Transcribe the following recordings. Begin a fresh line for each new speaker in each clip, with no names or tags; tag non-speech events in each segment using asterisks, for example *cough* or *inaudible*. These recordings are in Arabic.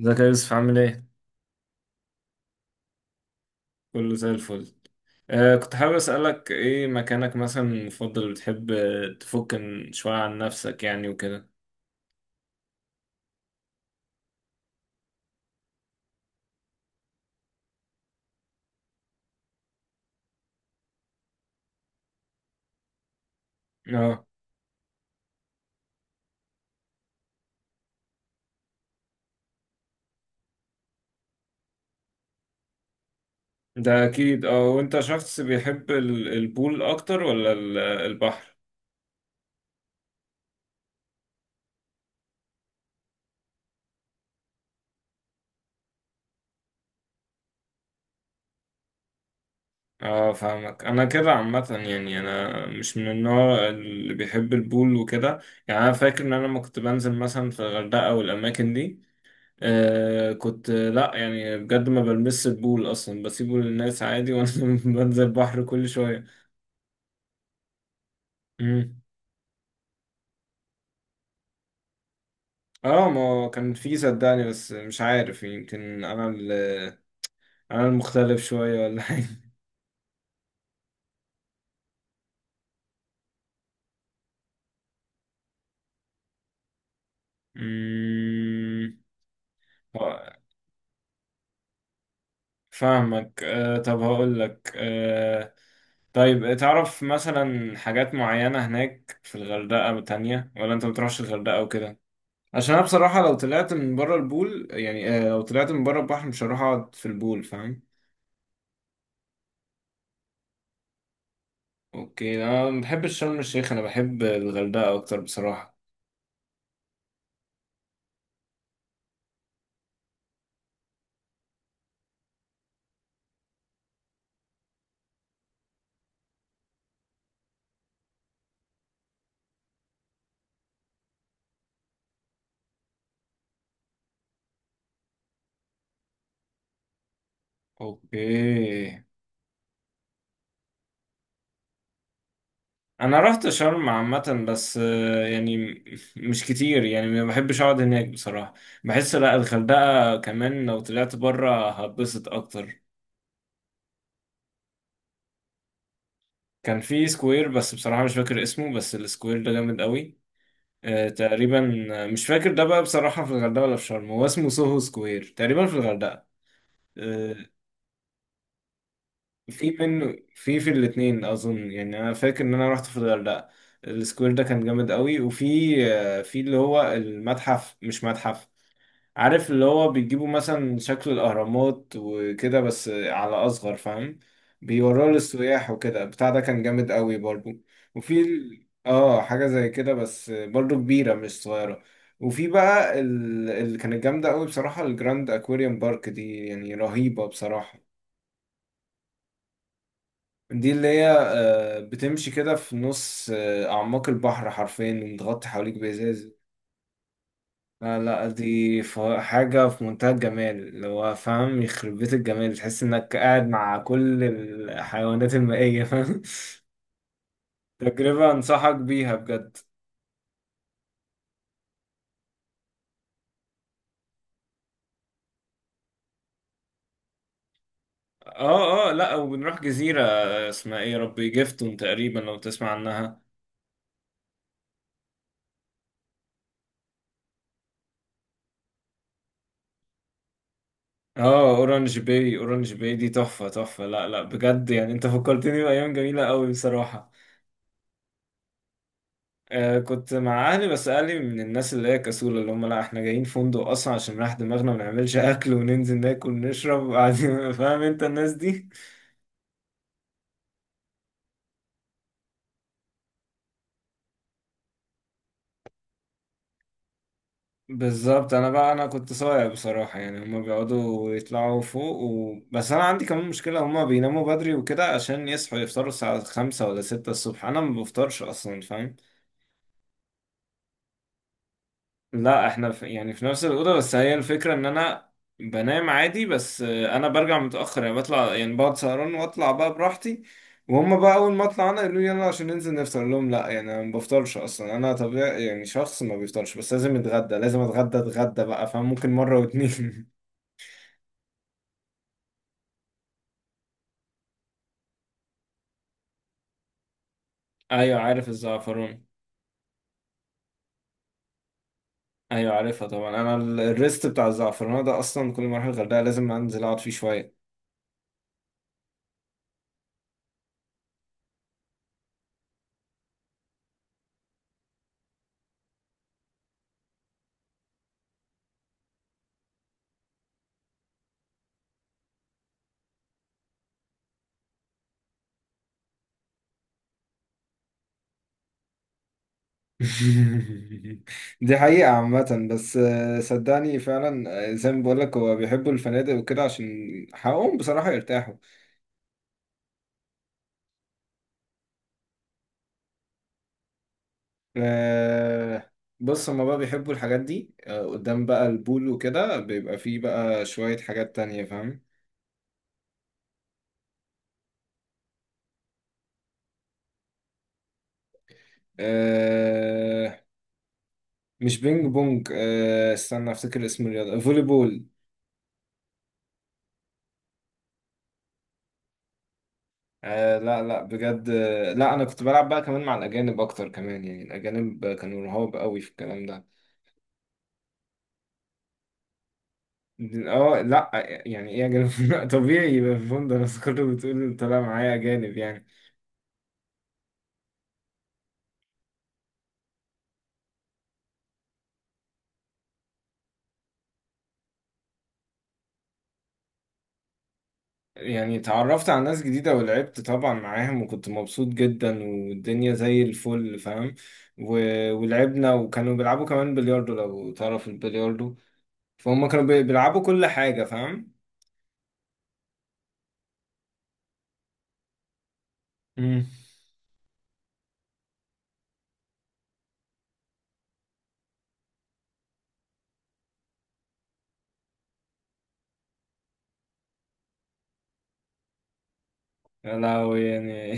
ازيك يا يوسف عامل ايه؟ كله زي الفل. كنت حابب اسألك، ايه مكانك مثلا المفضل اللي بتحب؟ تفك شوية عن نفسك يعني وكده. اه، ده اكيد. اه وانت شخص بيحب البول اكتر ولا البحر؟ اه، فاهمك. انا كده عامة، يعني انا مش من النوع اللي بيحب البول وكده. يعني انا فاكر ان انا لما كنت بنزل مثلا في الغردقة والاماكن دي، كنت، لا يعني بجد، ما بلمس البول اصلا، بسيبه للناس عادي، وانا *laughs* بنزل البحر كل شويه. مم. اه، ما هو كان في، صدقني، بس مش عارف، يمكن انا انا المختلف شويه ولا حاجه. مم. آه، فاهمك. طب هقول لك. طيب، تعرف مثلا حاجات معينه هناك في الغردقه تانية، ولا انت ما بتروحش الغردقه وكده؟ عشان انا بصراحة لو طلعت من بره البول يعني، لو طلعت من بره البحر مش هروح اقعد في البول، فاهم. اوكي، انا ما بحبش شرم الشيخ، انا بحب الغردقة اكتر بصراحة. اوكي، انا رحت شرم عامة، بس يعني مش كتير، يعني ما بحبش اقعد هناك بصراحة. بحس لا، الغردقة كمان لو طلعت بره هتبسط اكتر. كان في سكوير بس بصراحة مش فاكر اسمه، بس السكوير ده جامد قوي. تقريبا، مش فاكر ده بقى بصراحة في الغردقة ولا في شرم، هو اسمه سوهو سكوير تقريبا في الغردقة. آه، في منه في الاتنين أظن، يعني أنا فاكر إن أنا رحت في الغردقة. السكوير ده كان جامد قوي، وفي آه، في اللي هو المتحف، مش متحف، عارف اللي هو بيجيبوا مثلا شكل الأهرامات وكده بس على أصغر، فاهم؟ بيوروه للسياح وكده بتاع. ده كان جامد قوي برضو. وفي حاجة زي كده بس برضو كبيرة مش صغيرة. وفي بقى اللي كانت جامدة قوي بصراحة، الجراند أكواريوم بارك دي، يعني رهيبة بصراحة. دي اللي هي، بتمشي كده في نص أعماق البحر حرفيا، ومتغطي حواليك بإزاز. لا لا، دي حاجة في منتهى الجمال، اللي هو فاهم، يخرب بيت الجمال، تحس انك قاعد مع كل الحيوانات المائية فاهم *laughs* تجربة انصحك بيها بجد. اه اه، لا وبنروح جزيرة اسمها ايه يا ربي، جيفتون تقريبا، لو تسمع عنها. اه، اورانج باي. اورانج باي دي تحفة تحفة، لا لا بجد، يعني انت فكرتني بأيام جميلة قوي بصراحة. كنت مع أهلي، بس أهلي من الناس اللي هي كسولة، اللي هم لا، إحنا جايين فندق أصلا عشان نريح دماغنا، ما نعملش أكل وننزل ناكل ونشرب وبعدين *laughs* فاهم أنت الناس دي. بالظبط، أنا كنت صايع بصراحة، يعني هم بيقعدوا يطلعوا فوق بس أنا عندي كمان مشكلة، هم بيناموا بدري وكده عشان يصحوا يفطروا الساعة خمسة ولا ستة الصبح، أنا ما بفطرش أصلا. لا احنا في، يعني في نفس الأوضة، بس هي الفكرة ان انا بنام عادي، بس انا برجع متأخر، يعني بطلع، يعني بقعد سهران واطلع بقى براحتي. وهم بقى اول ما اطلع انا يقولوا لي يلا عشان ننزل نفطر، أقول لهم لا، يعني انا ما بفطرش اصلا، انا طبيعي يعني شخص ما بيفطرش، بس لازم اتغدى، لازم اتغدى اتغدى بقى، فممكن مرة واتنين *laughs* ايوه، عارف الزعفران. ايوه عارفها طبعا، انا الريست بتاع الزعفران ده، اصلا كل ما اروح الغردقة لازم انزل اقعد فيه شوية. *laughs* دي حقيقة عامة، بس صدقني فعلا، زي ما بقولك، هو بيحبوا الفنادق وكده، عشان حقهم بصراحة يرتاحوا. آه، بص، هما بقى بيحبوا الحاجات دي، قدام بقى البول وكده بيبقى فيه بقى شوية حاجات تانية، فاهم. آه، مش بينج بونج، استنى افتكر اسم الرياضة، فولي بول. آه، لا لا بجد، لا، انا كنت بلعب بقى كمان مع الاجانب اكتر كمان، يعني الاجانب كانوا رهاب قوي في الكلام ده. اه لا، يعني ايه اجانب *laughs* طبيعي يبقى في فندق ناس، كله بتقول طلع معايا اجانب يعني. يعني اتعرفت على ناس جديدة، ولعبت طبعا معاهم وكنت مبسوط جدا والدنيا زي الفل، فاهم. و... ولعبنا، وكانوا بيلعبوا كمان بلياردو، لو تعرف البلياردو. فهم كانوا بيلعبوا كل حاجة، فاهم. مم. يا لهوي يعني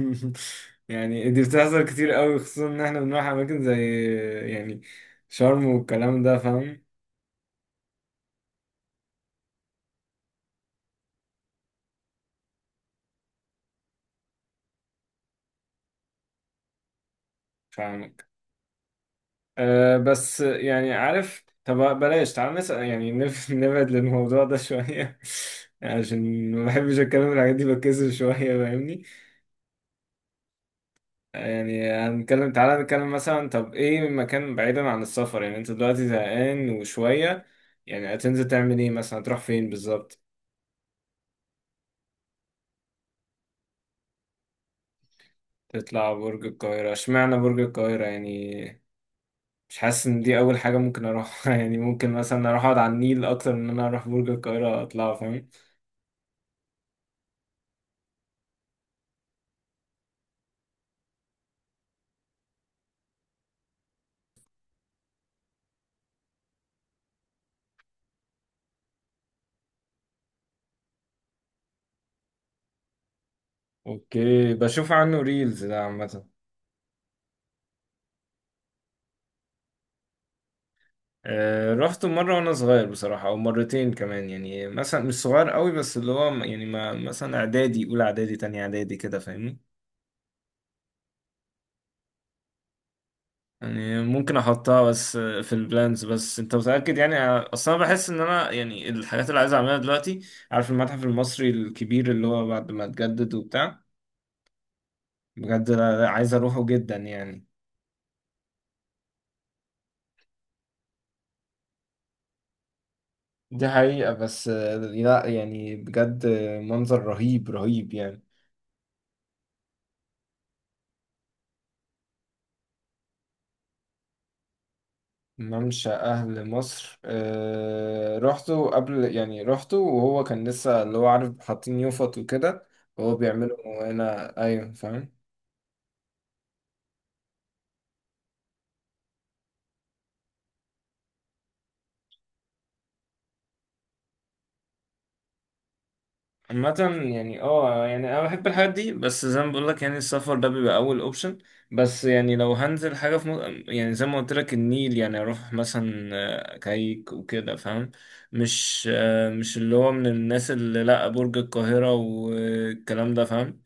*laughs* يعني دي بتحصل كتير قوي، خصوصا ان احنا بنروح اماكن زي، يعني شرم والكلام ده فاهم. فاهمك، بس يعني عارف، طب بلاش، تعال نسأل، يعني *laughs* نبعد للموضوع ده شوية. *laughs* عشان ما بحبش اتكلم في الحاجات دي، بتكسف شوية، فاهمني. يعني هنتكلم، تعالى نتكلم مثلا، طب ايه مكان بعيدا عن السفر؟ يعني انت دلوقتي زهقان وشوية، يعني هتنزل تعمل ايه مثلا، هتروح فين بالظبط؟ تطلع برج القاهرة، اشمعنى برج القاهرة يعني؟ مش حاسس ان دي اول حاجة ممكن اروحها *laughs* يعني ممكن مثلا اروح اقعد على النيل اكتر من ان انا اروح برج القاهرة اطلع. اوكي، بشوف عنه ريلز ده عامة. رحته مرة وانا صغير بصراحة، او مرتين كمان، يعني مثلا مش صغير قوي، بس اللي هو يعني، ما مثلا اعدادي اولى، اعدادي تانية، اعدادي كده، فاهمني. يعني ممكن احطها بس في البلانز، بس انت متأكد يعني؟ اصلا أنا بحس ان انا، يعني الحاجات اللي عايز اعملها دلوقتي، عارف المتحف المصري الكبير اللي هو بعد ما اتجدد وبتاع، بجد أنا عايز اروحه جدا يعني. دي حقيقة، بس لا يعني بجد، منظر رهيب رهيب يعني. ممشى أهل مصر، رحته قبل، يعني رحته وهو كان لسه اللي هو، عارف، حاطين يوفط وكده وهو بيعملوا هنا، أيوة فاهم. عامة يعني، يعني أنا بحب الحاجات دي، بس زي ما بقولك يعني، السفر ده بيبقى أول أوبشن. بس يعني لو هنزل حاجة في مصر، يعني زي ما قلت لك، النيل، يعني أروح مثلا كايك وكده فاهم. مش، مش اللي هو من الناس اللي لأ برج القاهرة والكلام ده، فاهم.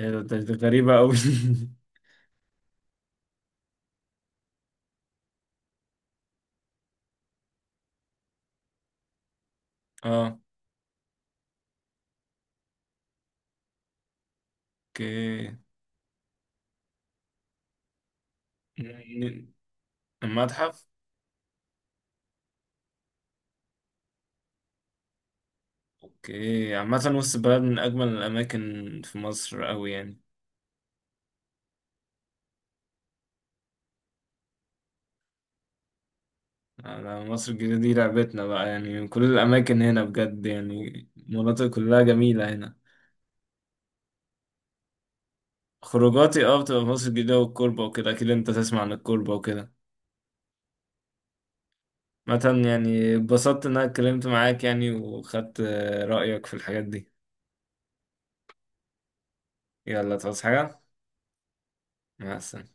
ده غريبة أوي. *laughs* اه، اوكي، المتحف، اوكي. عامة وسط البلد من أجمل الأماكن في مصر أوي يعني. على مصر الجديدة، دي لعبتنا بقى، يعني كل الأماكن هنا بجد، يعني المناطق كلها جميلة هنا. خروجاتي، بتبقى في مصر الجديدة والكوربة وكده، أكيد أنت تسمع عن الكوربة وكده. مثلا يعني اتبسطت إن أنا اتكلمت معاك يعني، وخدت رأيك في الحاجات دي. يلا، تعوز حاجة؟ مع السلامة.